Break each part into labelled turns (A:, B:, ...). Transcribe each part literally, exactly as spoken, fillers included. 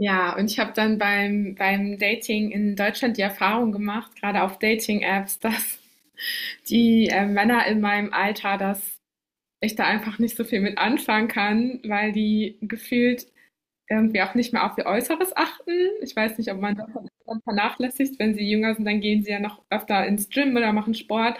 A: Ja, und ich habe dann beim beim Dating in Deutschland die Erfahrung gemacht, gerade auf Dating-Apps, dass die, äh, Männer in meinem Alter, dass ich da einfach nicht so viel mit anfangen kann, weil die gefühlt irgendwie auch nicht mehr auf ihr Äußeres achten. Ich weiß nicht, ob man das dann vernachlässigt. Wenn sie jünger sind, dann gehen sie ja noch öfter ins Gym oder machen Sport.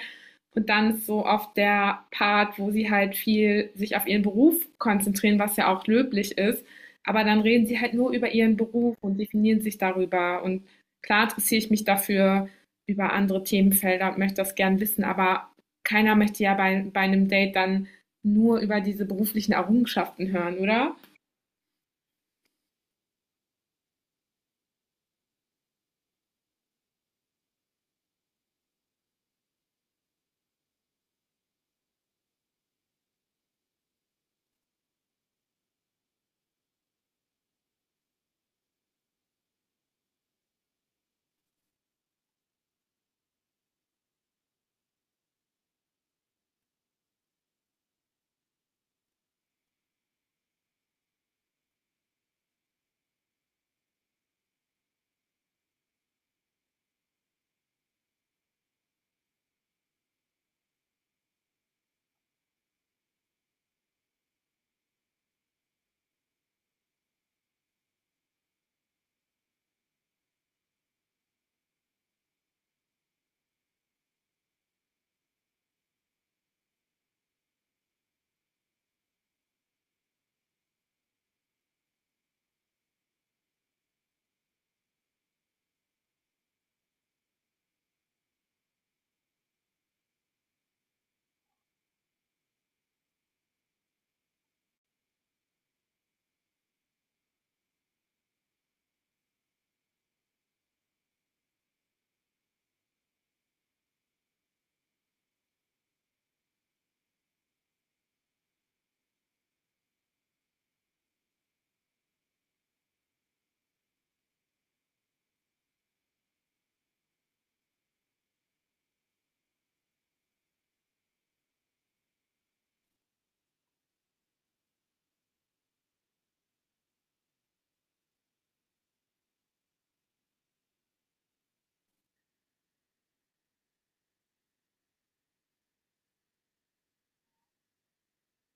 A: Und dann ist so oft der Part, wo sie halt viel sich auf ihren Beruf konzentrieren, was ja auch löblich ist. Aber dann reden sie halt nur über ihren Beruf und definieren sich darüber. Und klar interessiere ich mich dafür über andere Themenfelder und möchte das gern wissen. Aber keiner möchte ja bei, bei einem Date dann nur über diese beruflichen Errungenschaften hören, oder?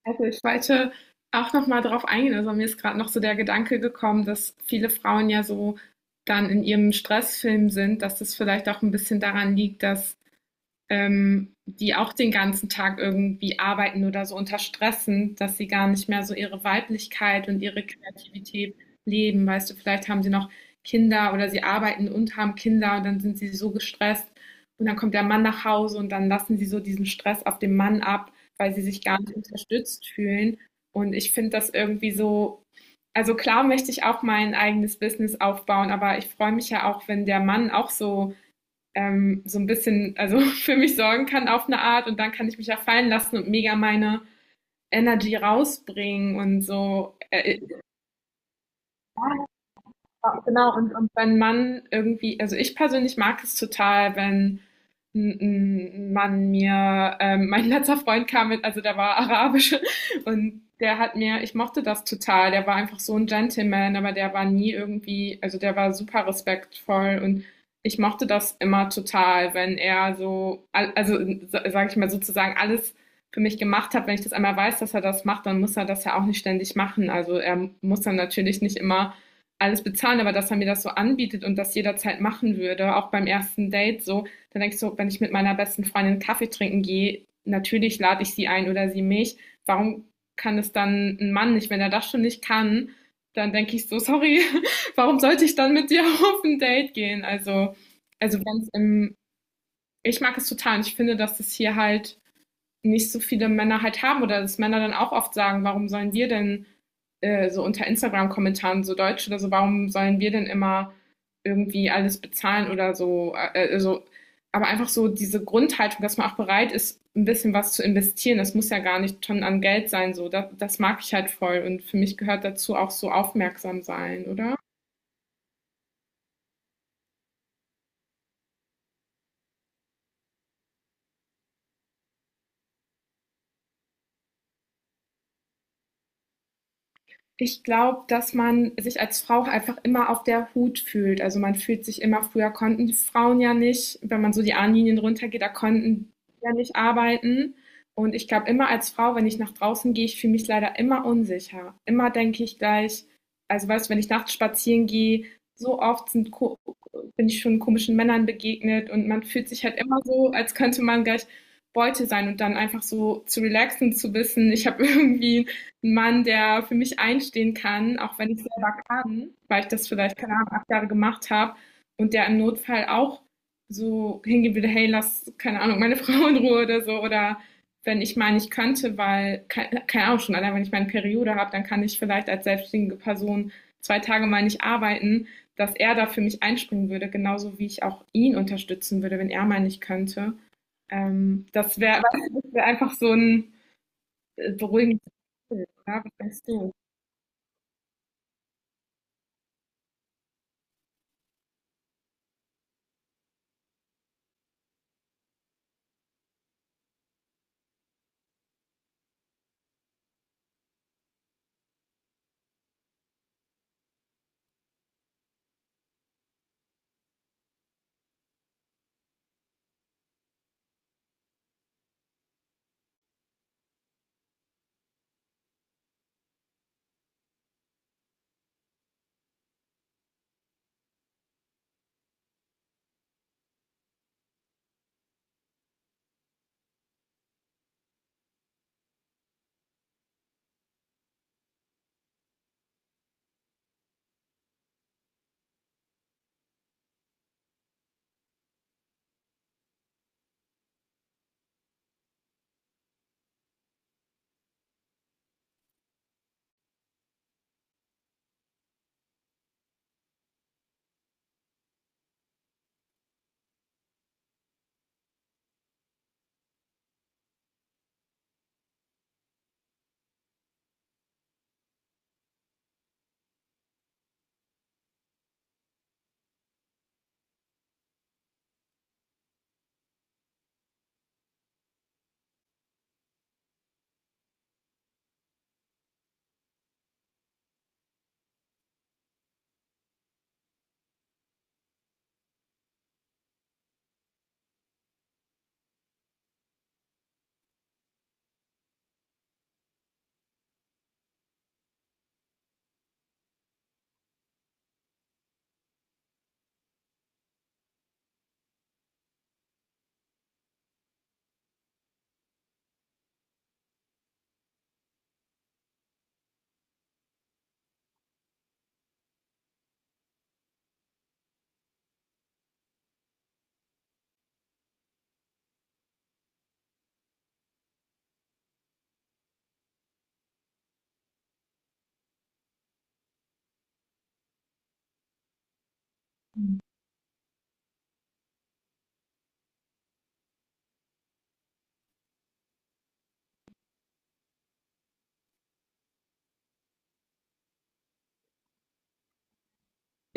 A: Also ich wollte auch noch mal drauf eingehen. Also mir ist gerade noch so der Gedanke gekommen, dass viele Frauen ja so dann in ihrem Stressfilm sind, dass das vielleicht auch ein bisschen daran liegt, dass ähm, die auch den ganzen Tag irgendwie arbeiten oder so unter Stress sind, dass sie gar nicht mehr so ihre Weiblichkeit und ihre Kreativität leben. Weißt du, vielleicht haben sie noch Kinder oder sie arbeiten und haben Kinder und dann sind sie so gestresst und dann kommt der Mann nach Hause und dann lassen sie so diesen Stress auf den Mann ab, weil sie sich gar nicht unterstützt fühlen. Und ich finde das irgendwie so, also klar möchte ich auch mein eigenes Business aufbauen, aber ich freue mich ja auch, wenn der Mann auch so ähm, so ein bisschen, also für mich sorgen kann auf eine Art, und dann kann ich mich ja fallen lassen und mega meine Energy rausbringen und so. Äh, genau, und, und wenn man irgendwie, also ich persönlich mag es total, wenn N- Mann mir, ähm, mein letzter Freund kam mit, also der war arabisch, und der hat mir, ich mochte das total, der war einfach so ein Gentleman, aber der war nie irgendwie, also der war super respektvoll, und ich mochte das immer total, wenn er so, al- also sage ich mal sozusagen alles für mich gemacht hat. Wenn ich das einmal weiß, dass er das macht, dann muss er das ja auch nicht ständig machen. Also er muss dann natürlich nicht immer alles bezahlen, aber dass er mir das so anbietet und das jederzeit machen würde, auch beim ersten Date, so dann denke ich so, wenn ich mit meiner besten Freundin Kaffee trinken gehe, natürlich lade ich sie ein oder sie mich. Warum kann es dann ein Mann nicht? Wenn er das schon nicht kann, dann denke ich so, sorry, warum sollte ich dann mit dir auf ein Date gehen? Also, also wenn's im, ich mag es total, und ich finde, dass es hier halt nicht so viele Männer halt haben, oder dass Männer dann auch oft sagen, warum sollen wir denn äh, so unter Instagram-Kommentaren, so Deutsche oder so, warum sollen wir denn immer irgendwie alles bezahlen oder so, äh, äh, so, aber einfach so diese Grundhaltung, dass man auch bereit ist, ein bisschen was zu investieren. Das muss ja gar nicht schon an Geld sein, so. Das, das mag ich halt voll. Und für mich gehört dazu auch so aufmerksam sein, oder? Ich glaube, dass man sich als Frau einfach immer auf der Hut fühlt. Also man fühlt sich immer, früher konnten die Frauen ja nicht, wenn man so die Ahnenlinien runtergeht, da konnten die ja nicht arbeiten. Und ich glaube, immer als Frau, wenn ich nach draußen gehe, ich fühle mich leider immer unsicher. Immer denke ich gleich, also weißt du, wenn ich nachts spazieren gehe, so oft sind, ko- bin ich schon komischen Männern begegnet, und man fühlt sich halt immer so, als könnte man gleich Beute sein. Und dann einfach so zu relaxen, zu wissen, ich habe irgendwie ein Mann, der für mich einstehen kann, auch wenn ich selber kann, weil ich das vielleicht, keine Ahnung, acht Jahre gemacht habe, und der im Notfall auch so hingehen würde, hey, lass, keine Ahnung, meine Frau in Ruhe oder so, oder wenn ich mal nicht könnte, weil, keine keine Ahnung, schon allein wenn ich meine Periode habe, dann kann ich vielleicht als selbstständige Person zwei Tage mal nicht arbeiten, dass er da für mich einspringen würde, genauso wie ich auch ihn unterstützen würde, wenn er mal nicht könnte. Ähm, das wäre wär einfach so ein, äh, beruhigendes Gefühl, oder? Was denkst du?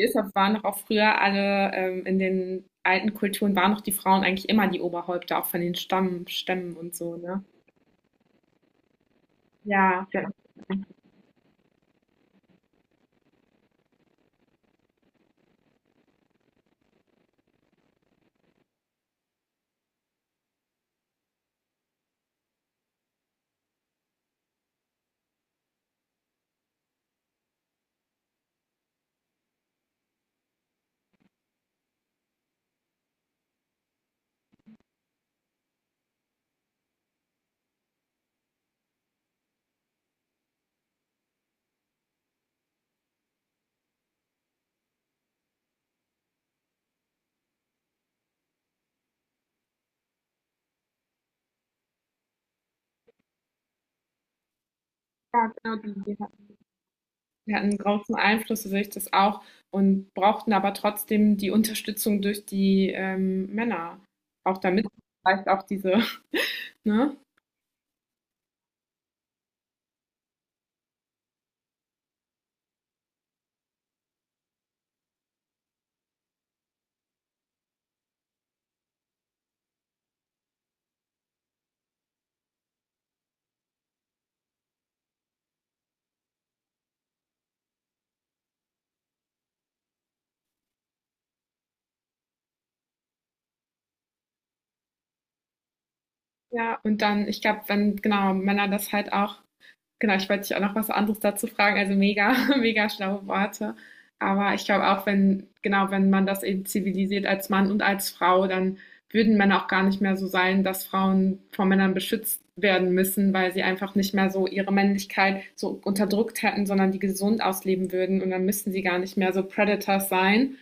A: Deshalb waren doch auch früher alle ähm, in den alten Kulturen waren doch die Frauen eigentlich immer die Oberhäupter, auch von den Stamm, Stämmen und so, ne? Ja, ja, ja, genau, die, die hatten, die hatten großen Einfluss durch das auch, und brauchten aber trotzdem die Unterstützung durch die ähm, Männer, auch damit vielleicht auch diese, ne? Ja, und dann, ich glaube, wenn genau Männer das halt auch. Genau, ich wollte dich auch noch was anderes dazu fragen. Also mega, mega schlaue Worte. Aber ich glaube auch, wenn, genau, wenn man das eben zivilisiert als Mann und als Frau, dann würden Männer auch gar nicht mehr so sein, dass Frauen von Männern beschützt werden müssen, weil sie einfach nicht mehr so ihre Männlichkeit so unterdrückt hätten, sondern die gesund ausleben würden. Und dann müssten sie gar nicht mehr so Predators sein.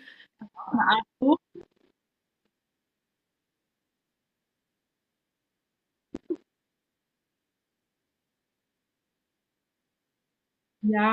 A: Ja,